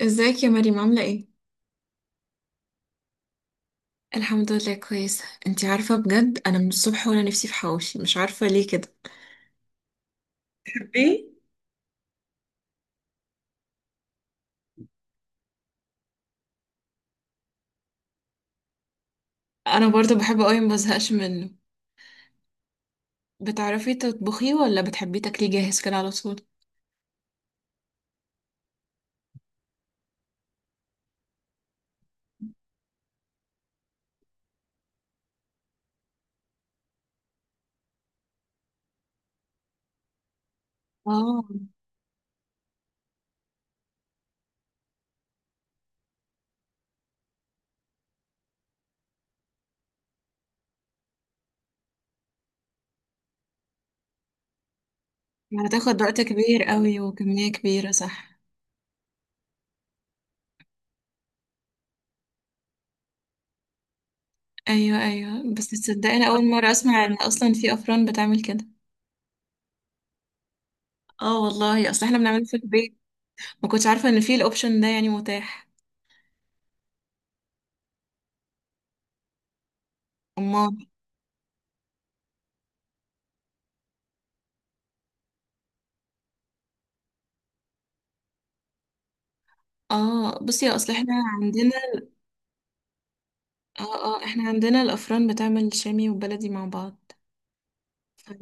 ازيك يا مريم عاملة ايه؟ الحمد لله كويسة. انتي عارفة بجد انا من الصبح وانا نفسي في حواوشي، مش عارفة ليه كده. بتحبيه؟ انا برضه بحبه قوي، ما بزهقش منه. بتعرفي تطبخيه ولا بتحبيه تاكليه جاهز كده على طول؟ اه. يعني هتاخد وقت كبير قوي وكمية كبيرة، صح؟ ايوه ايوه. بس تصدقي انا اول مرة اسمع ان اصلا في افران بتعمل كده. اه والله، اصل احنا بنعمله في البيت. ما كنتش عارفة ان في الاوبشن ده يعني متاح. امال. اه بصي، اصل احنا عندنا. اه اه، احنا عندنا الافران بتعمل شامي وبلدي مع بعض. ف-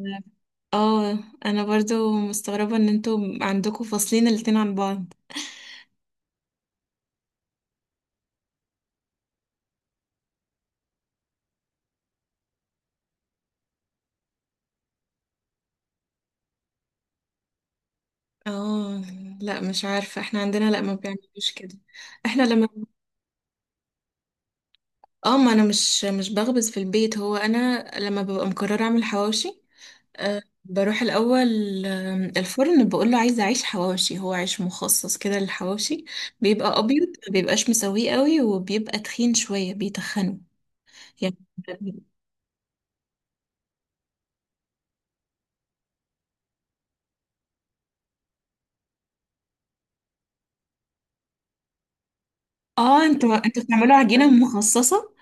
اه. انا برضو مستغربة ان انتوا عندكم فاصلين الاتنين عن بعض. اه. لا مش عارفة، احنا عندنا لا ما بيعملوش كده. احنا لما اه، ما انا مش بخبز في البيت. هو انا لما ببقى مقررة اعمل حواوشي أه، بروح الاول الفرن بقول له عايزة عيش حواوشي. هو عيش مخصص كده للحواوشي، بيبقى ابيض، ما بيبقاش مسويه قوي، وبيبقى تخين شوية بيتخنه يعني. اه، انتوا بتعملوا عجينة مخصصة.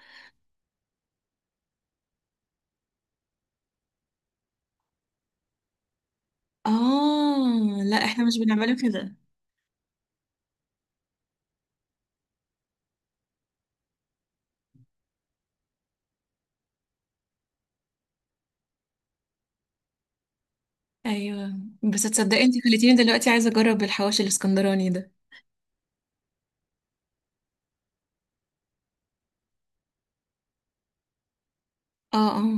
اه، لا احنا مش بنعمله كده. ايوه، بس تصدقي انت خليتيني دلوقتي عايزة اجرب الحواوشي الاسكندراني ده. اه اه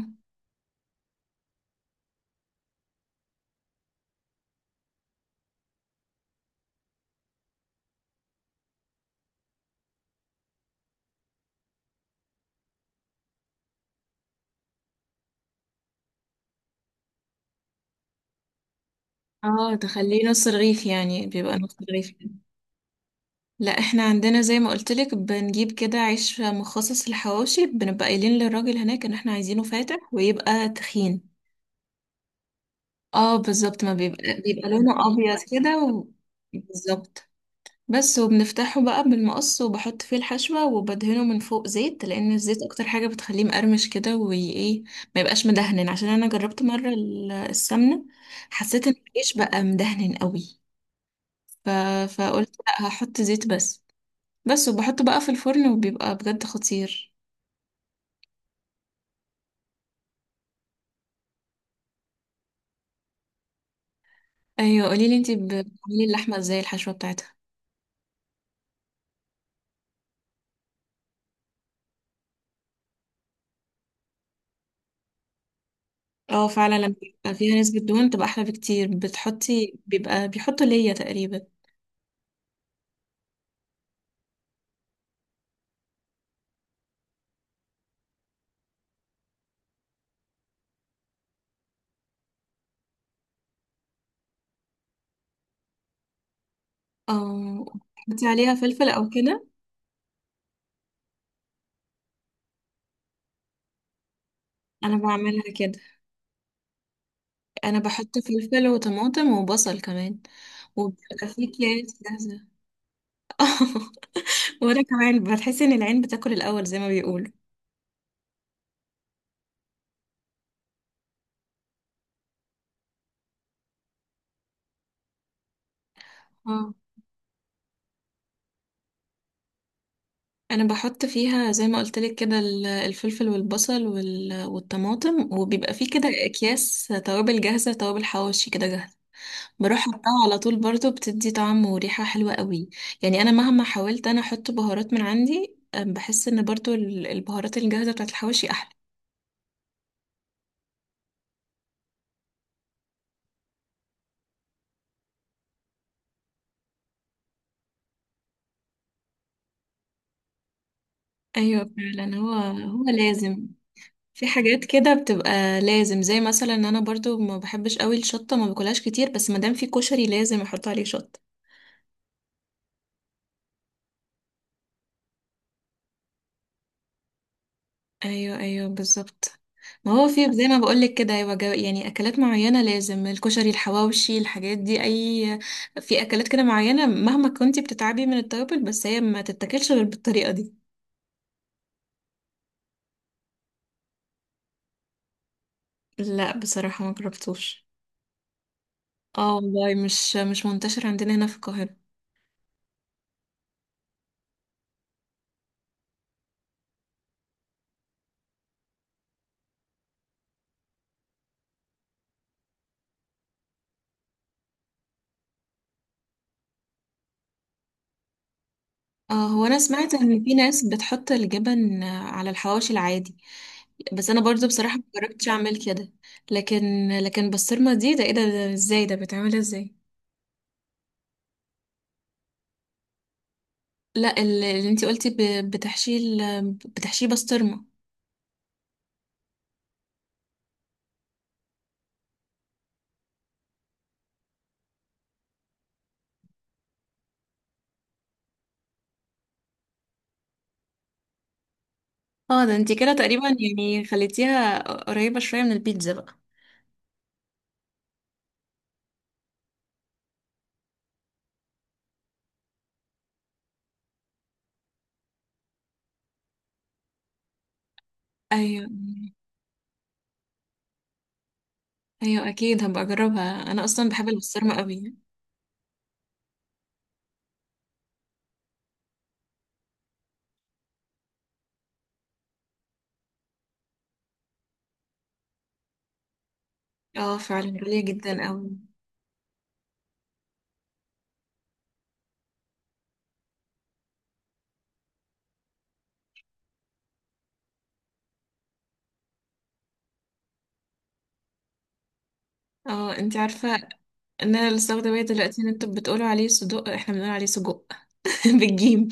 اه. تخليه نص رغيف، يعني بيبقى نص رغيف كده. لا احنا عندنا زي ما قلت لك بنجيب كده عيش مخصص للحواوشي، بنبقى قايلين للراجل هناك ان احنا عايزينه فاتح ويبقى تخين. اه بالظبط، ما بيبقى لونه ابيض كده بالظبط. بس وبنفتحه بقى بالمقص وبحط فيه الحشوة وبدهنه من فوق زيت، لأن الزيت أكتر حاجة بتخليه مقرمش كده. وإيه، ما يبقاش مدهن، عشان أنا جربت مرة السمنة، حسيت إن العيش بقى مدهن قوي. ف... فقلت لأ، هحط زيت بس. بس وبحطه بقى في الفرن وبيبقى بجد خطير. أيوة قوليلي انتي بتعملي اللحمة ازاي، الحشوة بتاعتها. اه فعلا، لما بيبقى فيها نسبة دهون بتبقى أحلى بكتير. بتحطي، بيبقى بيحطوا ليا تقريبا، اه. بتحطي عليها فلفل أو كده؟ انا بعملها كده. انا بحط فلفل وطماطم وبصل كمان. وبيبقى فيه كيس جاهزه. وانا كمان بتحس ان العين بتاكل الاول زي ما بيقولوا. اه، انا بحط فيها زي ما قلت لك كده الفلفل والبصل والطماطم. وبيبقى فيه كده اكياس توابل جاهزه، توابل حواوشي كده جاهزه، بروح احطها على طول. برضو بتدي طعم وريحه حلوه قوي. يعني انا مهما حاولت انا احط بهارات من عندي بحس ان برضو البهارات الجاهزه بتاعت الحواوشي احلى. ايوه فعلا. هو هو لازم. في حاجات كده بتبقى لازم، زي مثلا ان انا برضو ما بحبش قوي الشطه، ما باكلهاش كتير، بس ما دام في كشري لازم احط عليه شطه. ايوه ايوه بالظبط. ما هو في زي ما بقولك كده، يبقى يعني اكلات معينه لازم، الكشري، الحواوشي، الحاجات دي اي. في اكلات كده معينه، مهما كنتي بتتعبي من التوابل، بس هي ما تتاكلش غير بالطريقه دي. لا بصراحه ما جربتوش. اه والله، مش منتشر عندنا هنا في القاهره. اه، هو انا سمعت ان في ناس بتحط الجبن على الحواوشي العادي، بس انا برضو بصراحة ما جربتش اعمل كده. لكن بسطرمة دي، ده ايه ده, ده ازاي، ده بتعملها ازاي؟ لا اللي انتي قلتي بتحشيه بسطرمة. اه، ده انتي كده تقريبا يعني خليتيها قريبة شوية من البيتزا بقى. ايوه ايوه، اكيد هبقى اجربها، انا اصلا بحب البسطرمة قوي. اه فعلا، غالية جدا قوي. اه انتي عارفة ان انا لسه واخدة بالي دلوقتي ان انتوا بتقولوا عليه صدق، احنا بنقول عليه سجق. بالجيم.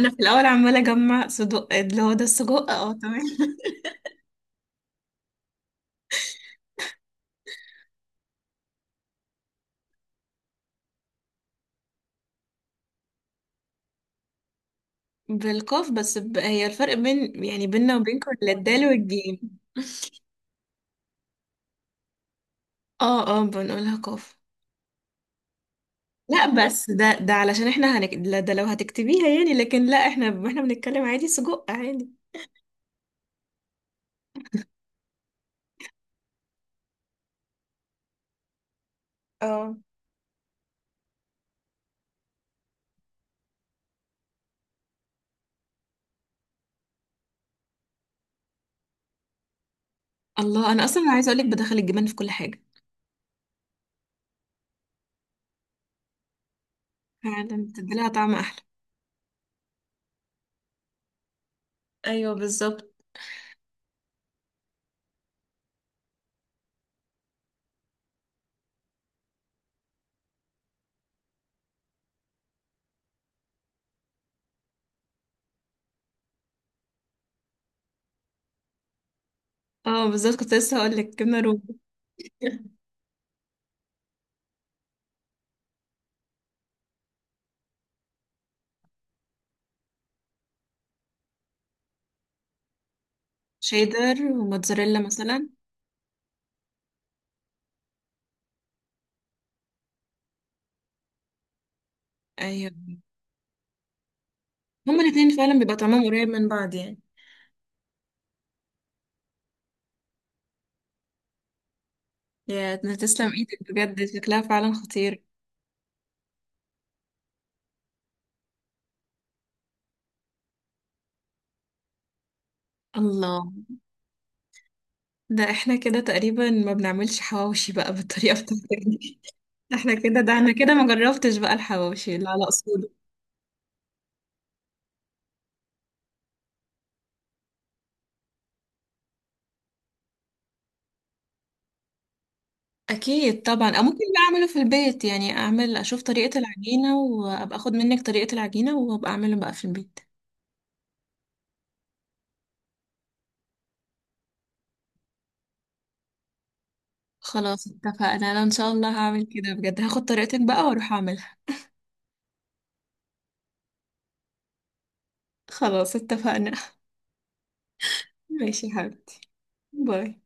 انا في الاول عماله اجمع صدق اللي هو ده السجق، اه تمام. بالقاف، هي الفرق بين يعني بيننا وبينكم اللي الدال والجيم. اه اه، بنقولها قاف. لا بس ده، علشان احنا لا ده لو هتكتبيها يعني، لكن لا، احنا بنتكلم عادي، سجق عادي. اه الله، انا اصلا عايزه اقولك بدخل الجبن في كل حاجه، فعلا بتديلها طعم احلى. ايوه بالظبط. اه بالظبط، كنت لسه هقولك جبنه رومي. شيدر وموتزاريلا مثلا. ايوه، هما الاتنين فعلا بيبقى طعمهم قريب من بعض يعني. يا تسلم ايدك بجد، شكلها فعلا خطير. الله، ده احنا كده تقريبا ما بنعملش حواوشي بقى بالطريقة بتاعتك دي. احنا كده، ده انا كده ما جربتش بقى الحواوشي لا لا اصوله. اكيد طبعا، او ممكن بقى اعمله في البيت. يعني اعمل، اشوف طريقة العجينة، وابقى اخد منك طريقة العجينة وابقى اعمله بقى في البيت. خلاص اتفقنا، انا ان شاء الله هعمل كده بجد، هاخد طريقتك بقى واروح اعملها. خلاص اتفقنا. ماشي يا حبيبتي، باي.